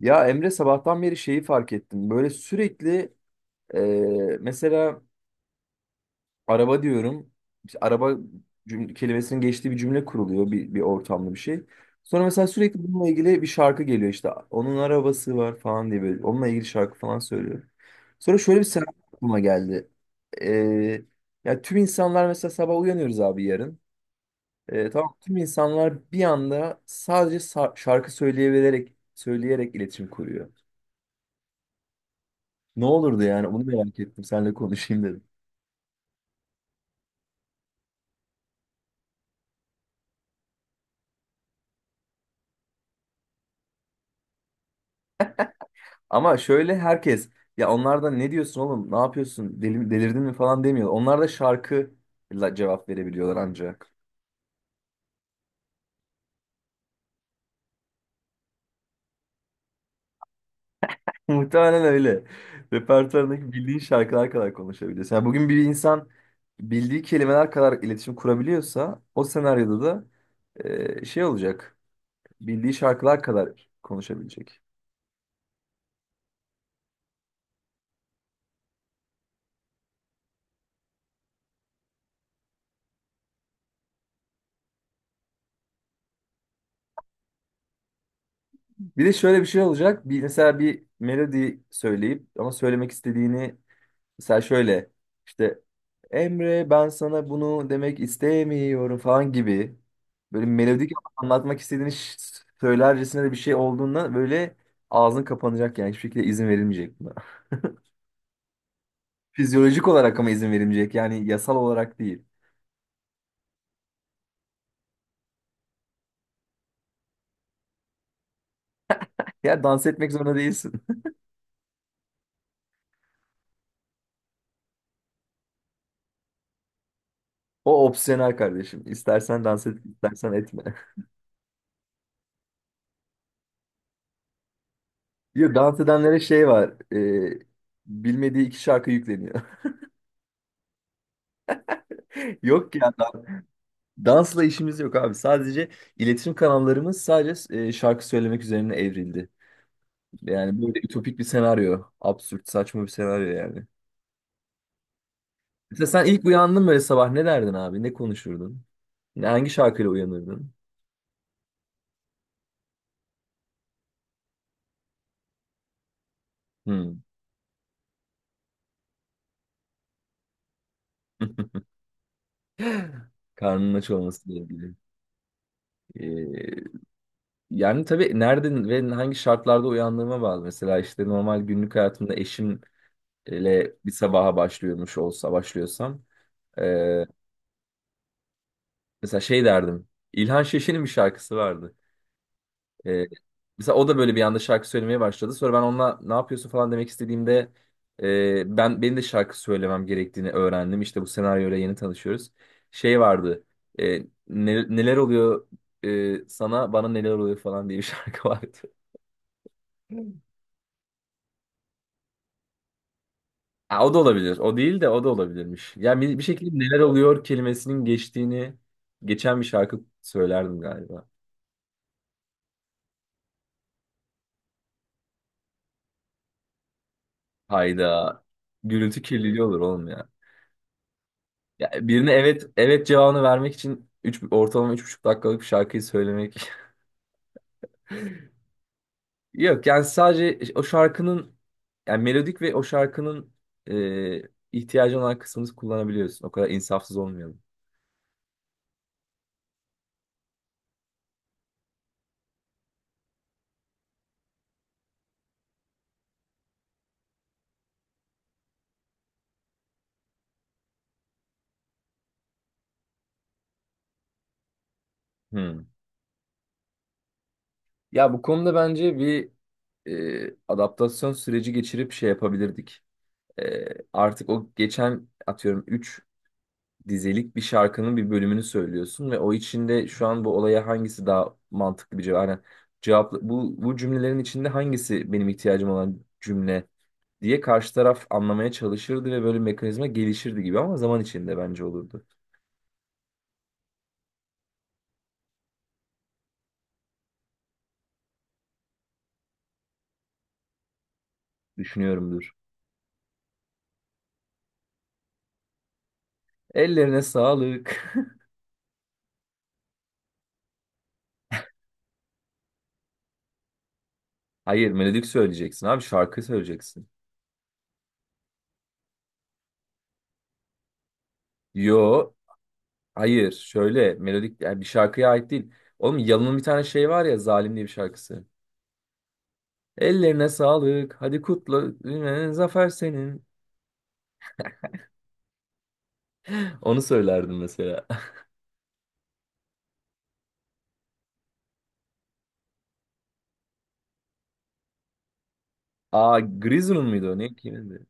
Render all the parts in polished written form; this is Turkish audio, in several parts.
Ya Emre sabahtan beri şeyi fark ettim. Böyle sürekli e, mesela araba diyorum. İşte araba cümle, kelimesinin geçtiği bir cümle kuruluyor bir ortamda bir şey. Sonra mesela sürekli bununla ilgili bir şarkı geliyor işte. Onun arabası var falan diye böyle. Onunla ilgili şarkı falan söylüyor. Sonra şöyle bir senaryo aklıma geldi. E, Ya tüm insanlar mesela sabah uyanıyoruz abi yarın. Tamam tüm insanlar bir anda sadece şarkı söyleyerek iletişim kuruyor. Ne olurdu yani onu merak ettim seninle konuşayım dedim. Ama şöyle herkes ya onlardan ne diyorsun oğlum ne yapıyorsun delirdin mi falan demiyor. Onlar da şarkıyla cevap verebiliyorlar ancak. Muhtemelen öyle. Repertuarındaki bildiğin şarkılar kadar konuşabiliyorsun. Yani bugün bir insan bildiği kelimeler kadar iletişim kurabiliyorsa o senaryoda da şey olacak. Bildiği şarkılar kadar konuşabilecek. Bir de şöyle bir şey olacak. Mesela bir melodi söyleyip ama söylemek istediğini mesela şöyle işte Emre ben sana bunu demek istemiyorum falan gibi böyle melodik anlatmak istediğini söylercesine de bir şey olduğunda böyle ağzın kapanacak yani hiçbir şekilde izin verilmeyecek buna. Fizyolojik olarak ama izin verilmeyecek yani yasal olarak değil. Ya dans etmek zorunda değilsin. O opsiyonel kardeşim. İstersen dans et, istersen etme. Yok dans edenlere şey var. Bilmediği iki şarkı yükleniyor. Yok ya, dansla işimiz yok abi. Sadece iletişim kanallarımız sadece şarkı söylemek üzerine evrildi. Yani böyle ütopik bir senaryo. Absürt, saçma bir senaryo yani. Mesela sen ilk uyandın böyle sabah ne derdin abi? Ne konuşurdun? Hangi şarkıyla uyanırdın? Hmm. Karnının aç olmasıyla ilgili. Ee, Yani tabii nereden ve hangi şartlarda uyandığıma bağlı. Mesela işte normal günlük hayatımda eşimle bir sabaha başlıyormuş olsa başlıyorsam. e, Mesela şey derdim. İlhan Şeşin'in bir şarkısı vardı. Ee, Mesela o da böyle bir anda şarkı söylemeye başladı. Sonra ben onunla ne yapıyorsun falan demek istediğimde benim de şarkı söylemem gerektiğini öğrendim. İşte bu senaryoyla yeni tanışıyoruz. Şey vardı. e, Neler oluyor sana bana neler oluyor falan diye bir şarkı vardı. Ha, o da olabilir. O değil de o da olabilirmiş. Yani bir şekilde neler oluyor kelimesinin geçtiğini geçen bir şarkı söylerdim galiba. Hayda. Gürültü kirliliği olur oğlum ya. Ya birine evet evet cevabını vermek için ortalama üç buçuk dakikalık bir şarkıyı söylemek. Yok yani sadece o şarkının yani melodik ve o şarkının e, ihtiyacı olan kısmını kullanabiliyorsun. O kadar insafsız olmayalım. Hmm. Ya bu konuda bence bir adaptasyon süreci geçirip şey yapabilirdik. E, Artık o geçen atıyorum üç dizelik bir şarkının bir bölümünü söylüyorsun ve o içinde şu an bu olaya hangisi daha mantıklı bir cevap? Yani cevap bu cümlelerin içinde hangisi benim ihtiyacım olan cümle diye karşı taraf anlamaya çalışırdı ve böyle bir mekanizma gelişirdi gibi ama zaman içinde bence olurdu. Düşünüyorumdur. Ellerine sağlık. Hayır, melodik söyleyeceksin abi, şarkı söyleyeceksin. Yo, hayır. Şöyle melodik yani bir şarkıya ait değil. Oğlum Yalın'ın bir tane şey var ya Zalim diye bir şarkısı. Ellerine sağlık. Hadi kutla. Zafer senin. Onu söylerdim mesela. Aa, Grizzly'ın mıydı o? Ne kimindi?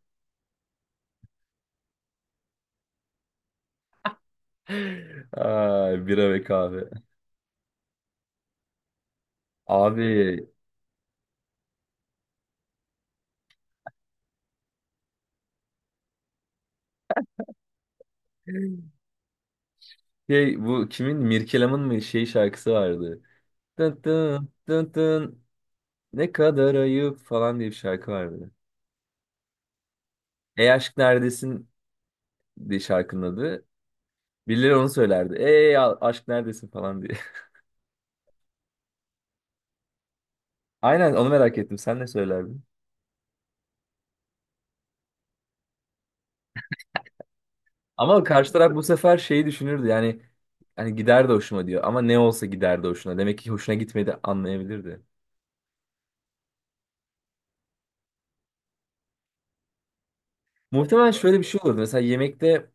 Ay bira ve kahve. Abi şey bu kimin Mirkelam'ın mı şey şarkısı vardı. Tın tın tın tın ne kadar ayıp falan diye bir şarkı vardı. Ey aşk neredesin diye şarkının adı. Birileri onu söylerdi. Ey aşk neredesin falan diye. Aynen onu merak ettim. Sen ne söylerdin? Ama karşı taraf bu sefer şeyi düşünürdü yani hani gider de hoşuma diyor ama ne olsa gider de hoşuna. Demek ki hoşuna gitmedi anlayabilirdi. Muhtemelen şöyle bir şey olurdu. Mesela yemekte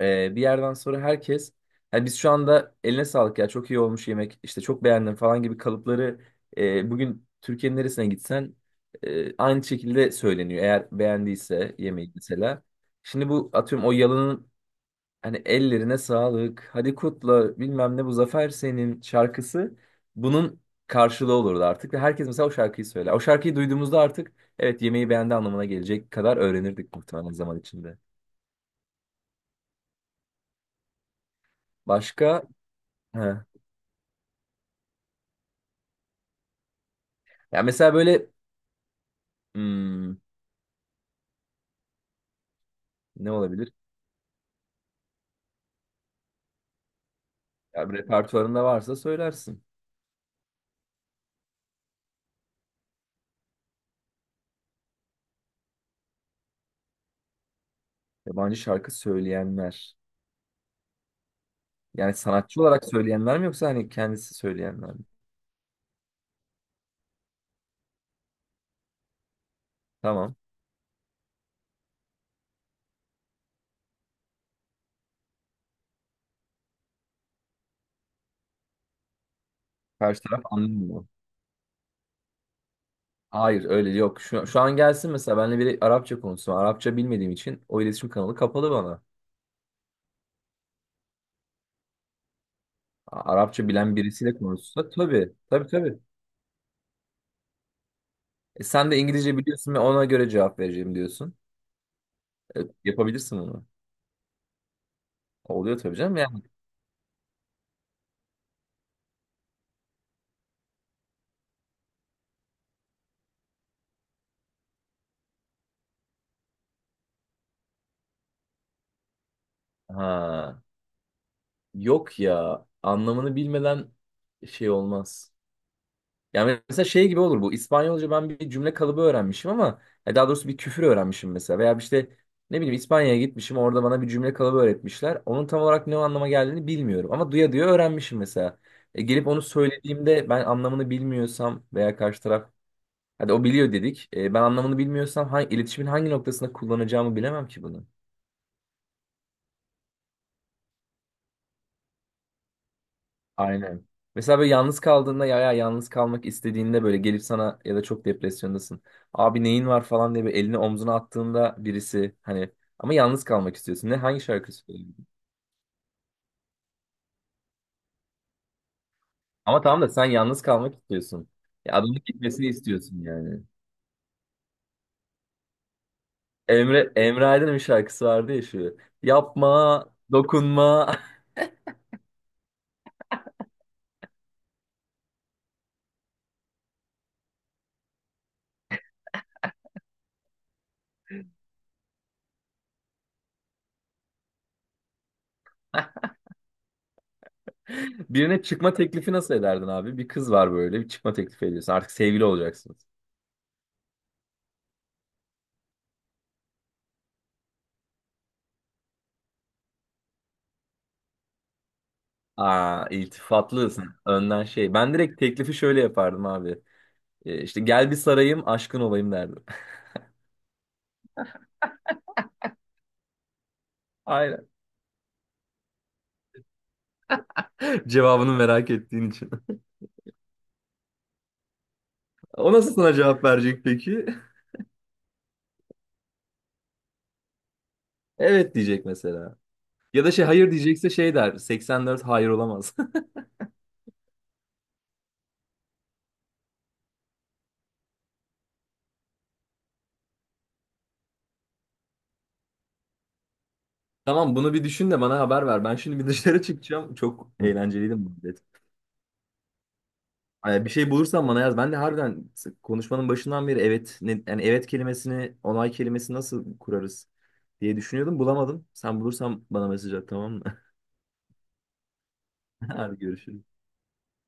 bir yerden sonra herkes hani biz şu anda eline sağlık ya çok iyi olmuş yemek işte çok beğendim falan gibi kalıpları bugün Türkiye'nin neresine gitsen aynı şekilde söyleniyor. Eğer beğendiyse yemeği mesela. Şimdi bu atıyorum o yalanın hani ellerine sağlık, hadi kutla bilmem ne bu zafer senin şarkısı bunun karşılığı olurdu artık. Ve herkes mesela o şarkıyı söyler. O şarkıyı duyduğumuzda artık evet yemeği beğendi anlamına gelecek kadar öğrenirdik muhtemelen zaman içinde. Başka? He. Ya mesela böyle hmm, ne olabilir? Ya bir repertuarında varsa söylersin. Yabancı şarkı söyleyenler. Yani sanatçı olarak söyleyenler mi yoksa hani kendisi söyleyenler mi? Tamam. Karşı taraf anlamıyor. Hayır öyle yok. Şu an gelsin mesela benimle biri Arapça konuşsun. Arapça bilmediğim için o iletişim kanalı kapalı bana. Arapça bilen birisiyle konuşsa tabii. Tabii tabii. Sen de İngilizce biliyorsun ve ona göre cevap vereceğim diyorsun. Yapabilirsin bunu. Oluyor tabii canım yani. Ha, yok ya anlamını bilmeden şey olmaz. Yani mesela şey gibi olur bu. İspanyolca ben bir cümle kalıbı öğrenmişim ama daha doğrusu bir küfür öğrenmişim mesela. Veya işte ne bileyim İspanya'ya gitmişim orada bana bir cümle kalıbı öğretmişler. Onun tam olarak ne anlama geldiğini bilmiyorum ama duya duya öğrenmişim mesela. Gelip onu söylediğimde ben anlamını bilmiyorsam veya karşı taraf hadi o biliyor dedik. Ben anlamını bilmiyorsam iletişimin hangi noktasında kullanacağımı bilemem ki bunu. Aynen. Mesela böyle yalnız kaldığında ya yalnız kalmak istediğinde böyle gelip sana ya da çok depresyondasın. Abi neyin var falan diye bir elini omzuna attığında birisi hani ama yalnız kalmak istiyorsun. Hangi şarkı söylüyorsun? Ama tamam da sen yalnız kalmak istiyorsun. Ya adamın gitmesini istiyorsun yani. Emre Emre Aydın'ın bir şarkısı vardı ya şu. Yapma, dokunma. Birine çıkma teklifi nasıl ederdin abi? Bir kız var böyle bir çıkma teklifi ediyorsun. Artık sevgili olacaksınız. Aa, iltifatlısın. Önden şey. Ben direkt teklifi şöyle yapardım abi. İşte gel bir sarayım, aşkın olayım derdim. Aynen. Cevabını merak ettiğin için. O nasıl sana cevap verecek peki? Evet diyecek mesela. Ya da şey hayır diyecekse şey der. 84 hayır olamaz. Tamam bunu bir düşün de bana haber ver. Ben şimdi bir dışarı çıkacağım. Çok eğlenceliydi bu. Ay, bir şey bulursan bana yaz. Ben de harbiden konuşmanın başından beri evet ne, yani evet kelimesini, onay kelimesini nasıl kurarız diye düşünüyordum. Bulamadım. Sen bulursan bana mesaj at tamam mı? Hadi görüşürüz.